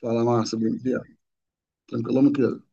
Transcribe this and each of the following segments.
Fala, Márcio, bom dia. Tranquilo, meu querido?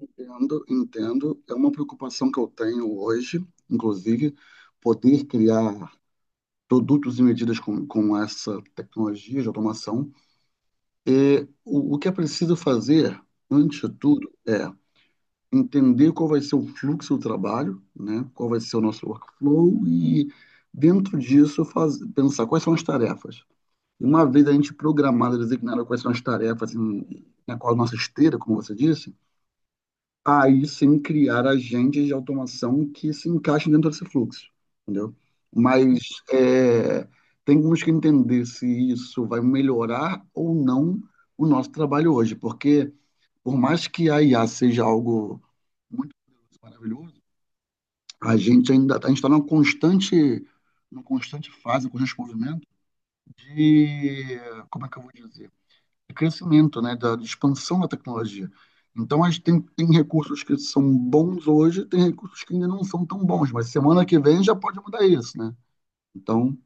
Entendo, entendo. É uma preocupação que eu tenho hoje, inclusive, poder criar produtos e medidas com essa tecnologia de automação. O que é preciso fazer, antes de tudo, é entender qual vai ser o fluxo do trabalho, né? Qual vai ser o nosso workflow e, dentro disso, faz, pensar quais são as tarefas. E uma vez a gente programada, designada quais são as tarefas em, na qual a nossa esteira, como você disse, aí sim criar agentes de automação que se encaixem dentro desse fluxo, entendeu? Mas é, temos que entender se isso vai melhorar ou não o nosso trabalho hoje, porque por mais que a IA seja algo muito maravilhoso, a gente está numa constante fase, um constante movimento de, como é que eu vou dizer? De crescimento, né, da de expansão da tecnologia. Então, a gente tem recursos que são bons hoje, tem recursos que ainda não são tão bons, mas semana que vem já pode mudar isso, né? Então,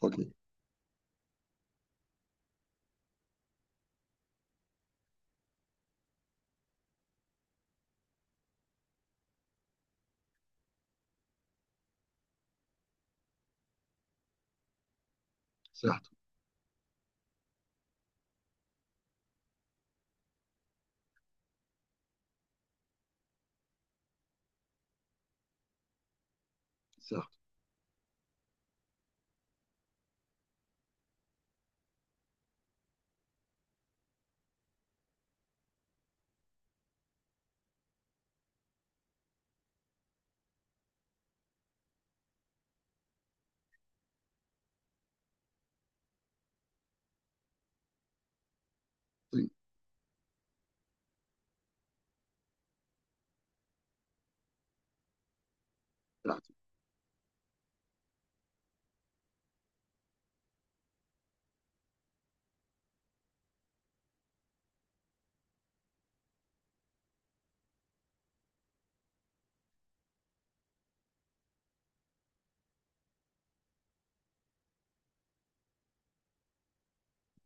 ok, certo, certo, sim, certo,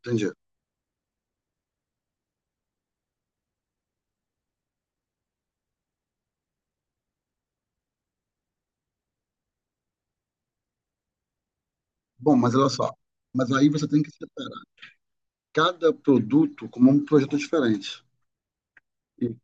entendi. Bom, mas olha só, mas aí você tem que separar cada produto como um projeto diferente. E-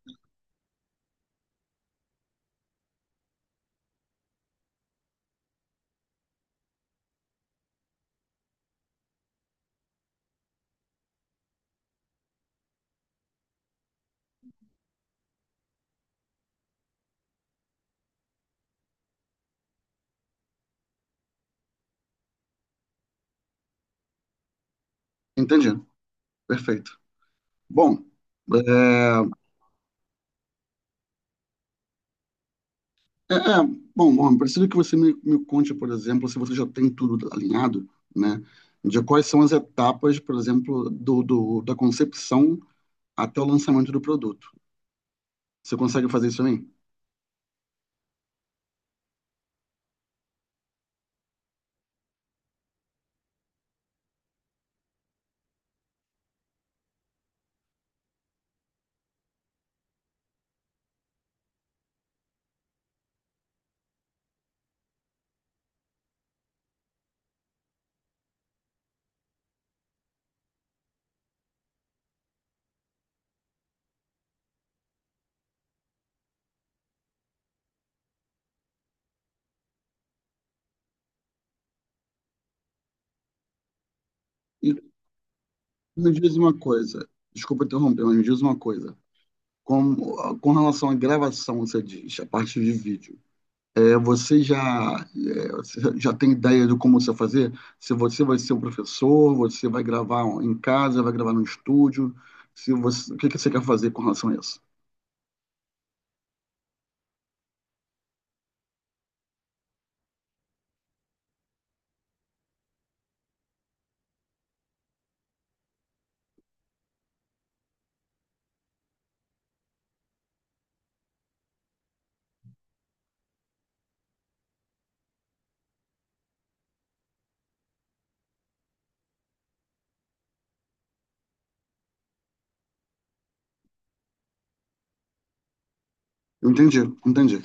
Entendi, perfeito. Bom, é, É, é, bom, preciso que você me conte, por exemplo, se você já tem tudo alinhado, né? De quais são as etapas, por exemplo, do, da concepção até o lançamento do produto. Você consegue fazer isso aí? E me diz uma coisa, desculpa interromper, mas me diz uma coisa. Com, com relação à gravação, você diz, a parte de vídeo. Você já, você já tem ideia de como você vai fazer? Se você vai ser um professor, você vai gravar em casa, vai gravar no estúdio? Se você, o que que você quer fazer com relação a isso? Eu entendi, entendi.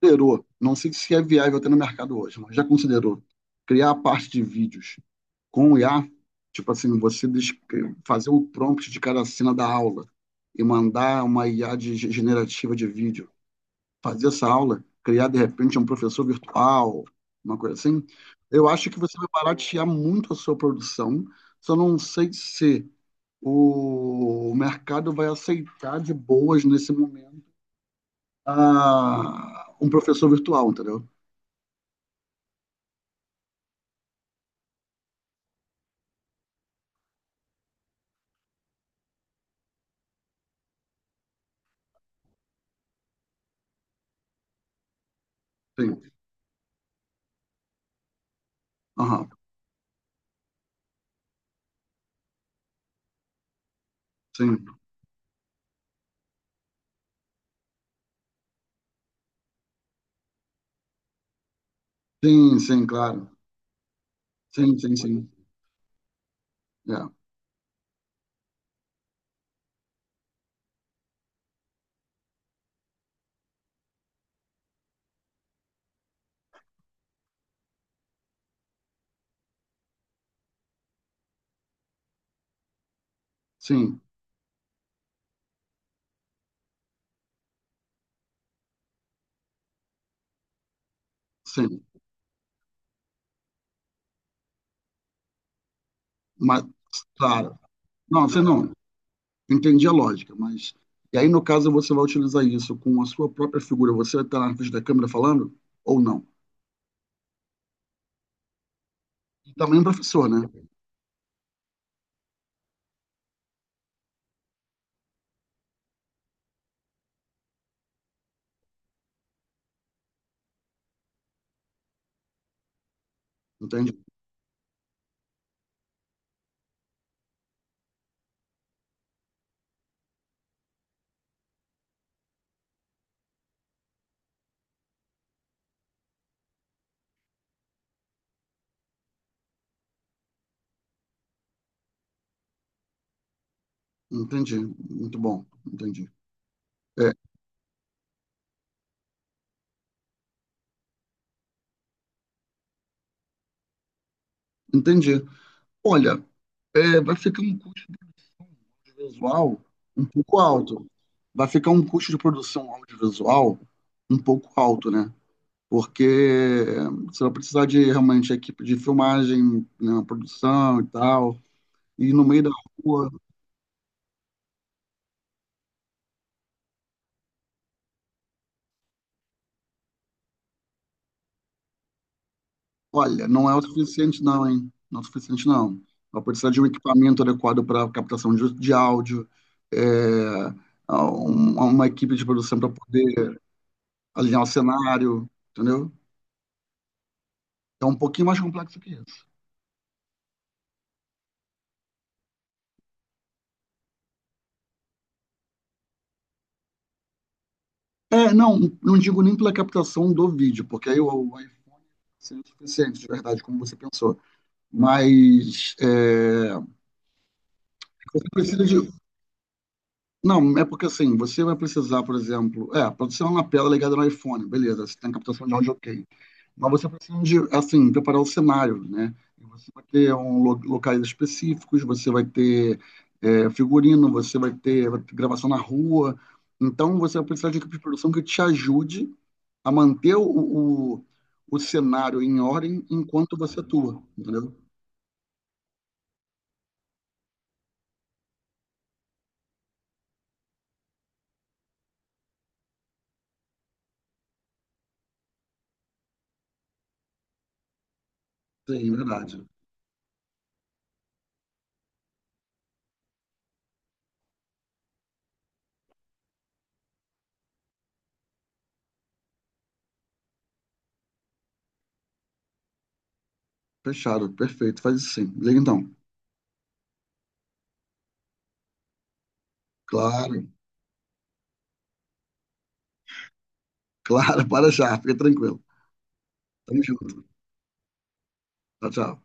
Considerou, não sei se é viável até no mercado hoje, mas já considerou criar a parte de vídeos com o IA? Tipo assim, fazer o prompt de cada cena da aula e mandar uma IA de generativa de vídeo fazer essa aula, criar de repente um professor virtual, uma coisa assim, eu acho que você vai baratear muito a sua produção. Só não sei se o mercado vai aceitar de boas nesse momento ah, um professor virtual, entendeu? Sim. Aham. Sim. Sim, sim, claro. Sim, sim, sim. É. Sim, sim. Mas, claro. Não, você não. Entendi a lógica, mas. E aí, no caso, você vai utilizar isso com a sua própria figura, você está na frente da câmera falando ou não? E também um professor, né? Entende? Entendi. Muito bom. Entendi. É, entendi. Olha, vai ficar um custo visual um pouco alto. Vai ficar um custo de produção audiovisual um pouco alto, né? Porque você vai precisar de realmente equipe de filmagem, né, produção e tal. E no meio da rua, olha, não é o suficiente não, hein? Não é o suficiente não. Vai precisar de um equipamento adequado para captação de áudio, é, uma equipe de produção para poder alinhar o cenário, entendeu? É um pouquinho mais complexo que isso. Não, não digo nem pela captação do vídeo, porque aí o iPhone seria o suficiente, de verdade, como você pensou. Mas você precisa de, não, é porque assim, você vai precisar, por exemplo, pode ser uma lapela ligada no iPhone, beleza, você tem captação de áudio ok. Mas você precisa de, assim, preparar o cenário, né? Você vai ter um locais específicos, você vai ter figurino, você vai ter gravação na rua. Então, você vai precisar de equipe de produção que te ajude a manter o, o cenário em ordem enquanto você atua, entendeu? Sim, verdade. Fechado, perfeito, faz isso sim. Liga então. Claro. Claro, para já, fica tranquilo. Tamo junto. Tchau, tchau.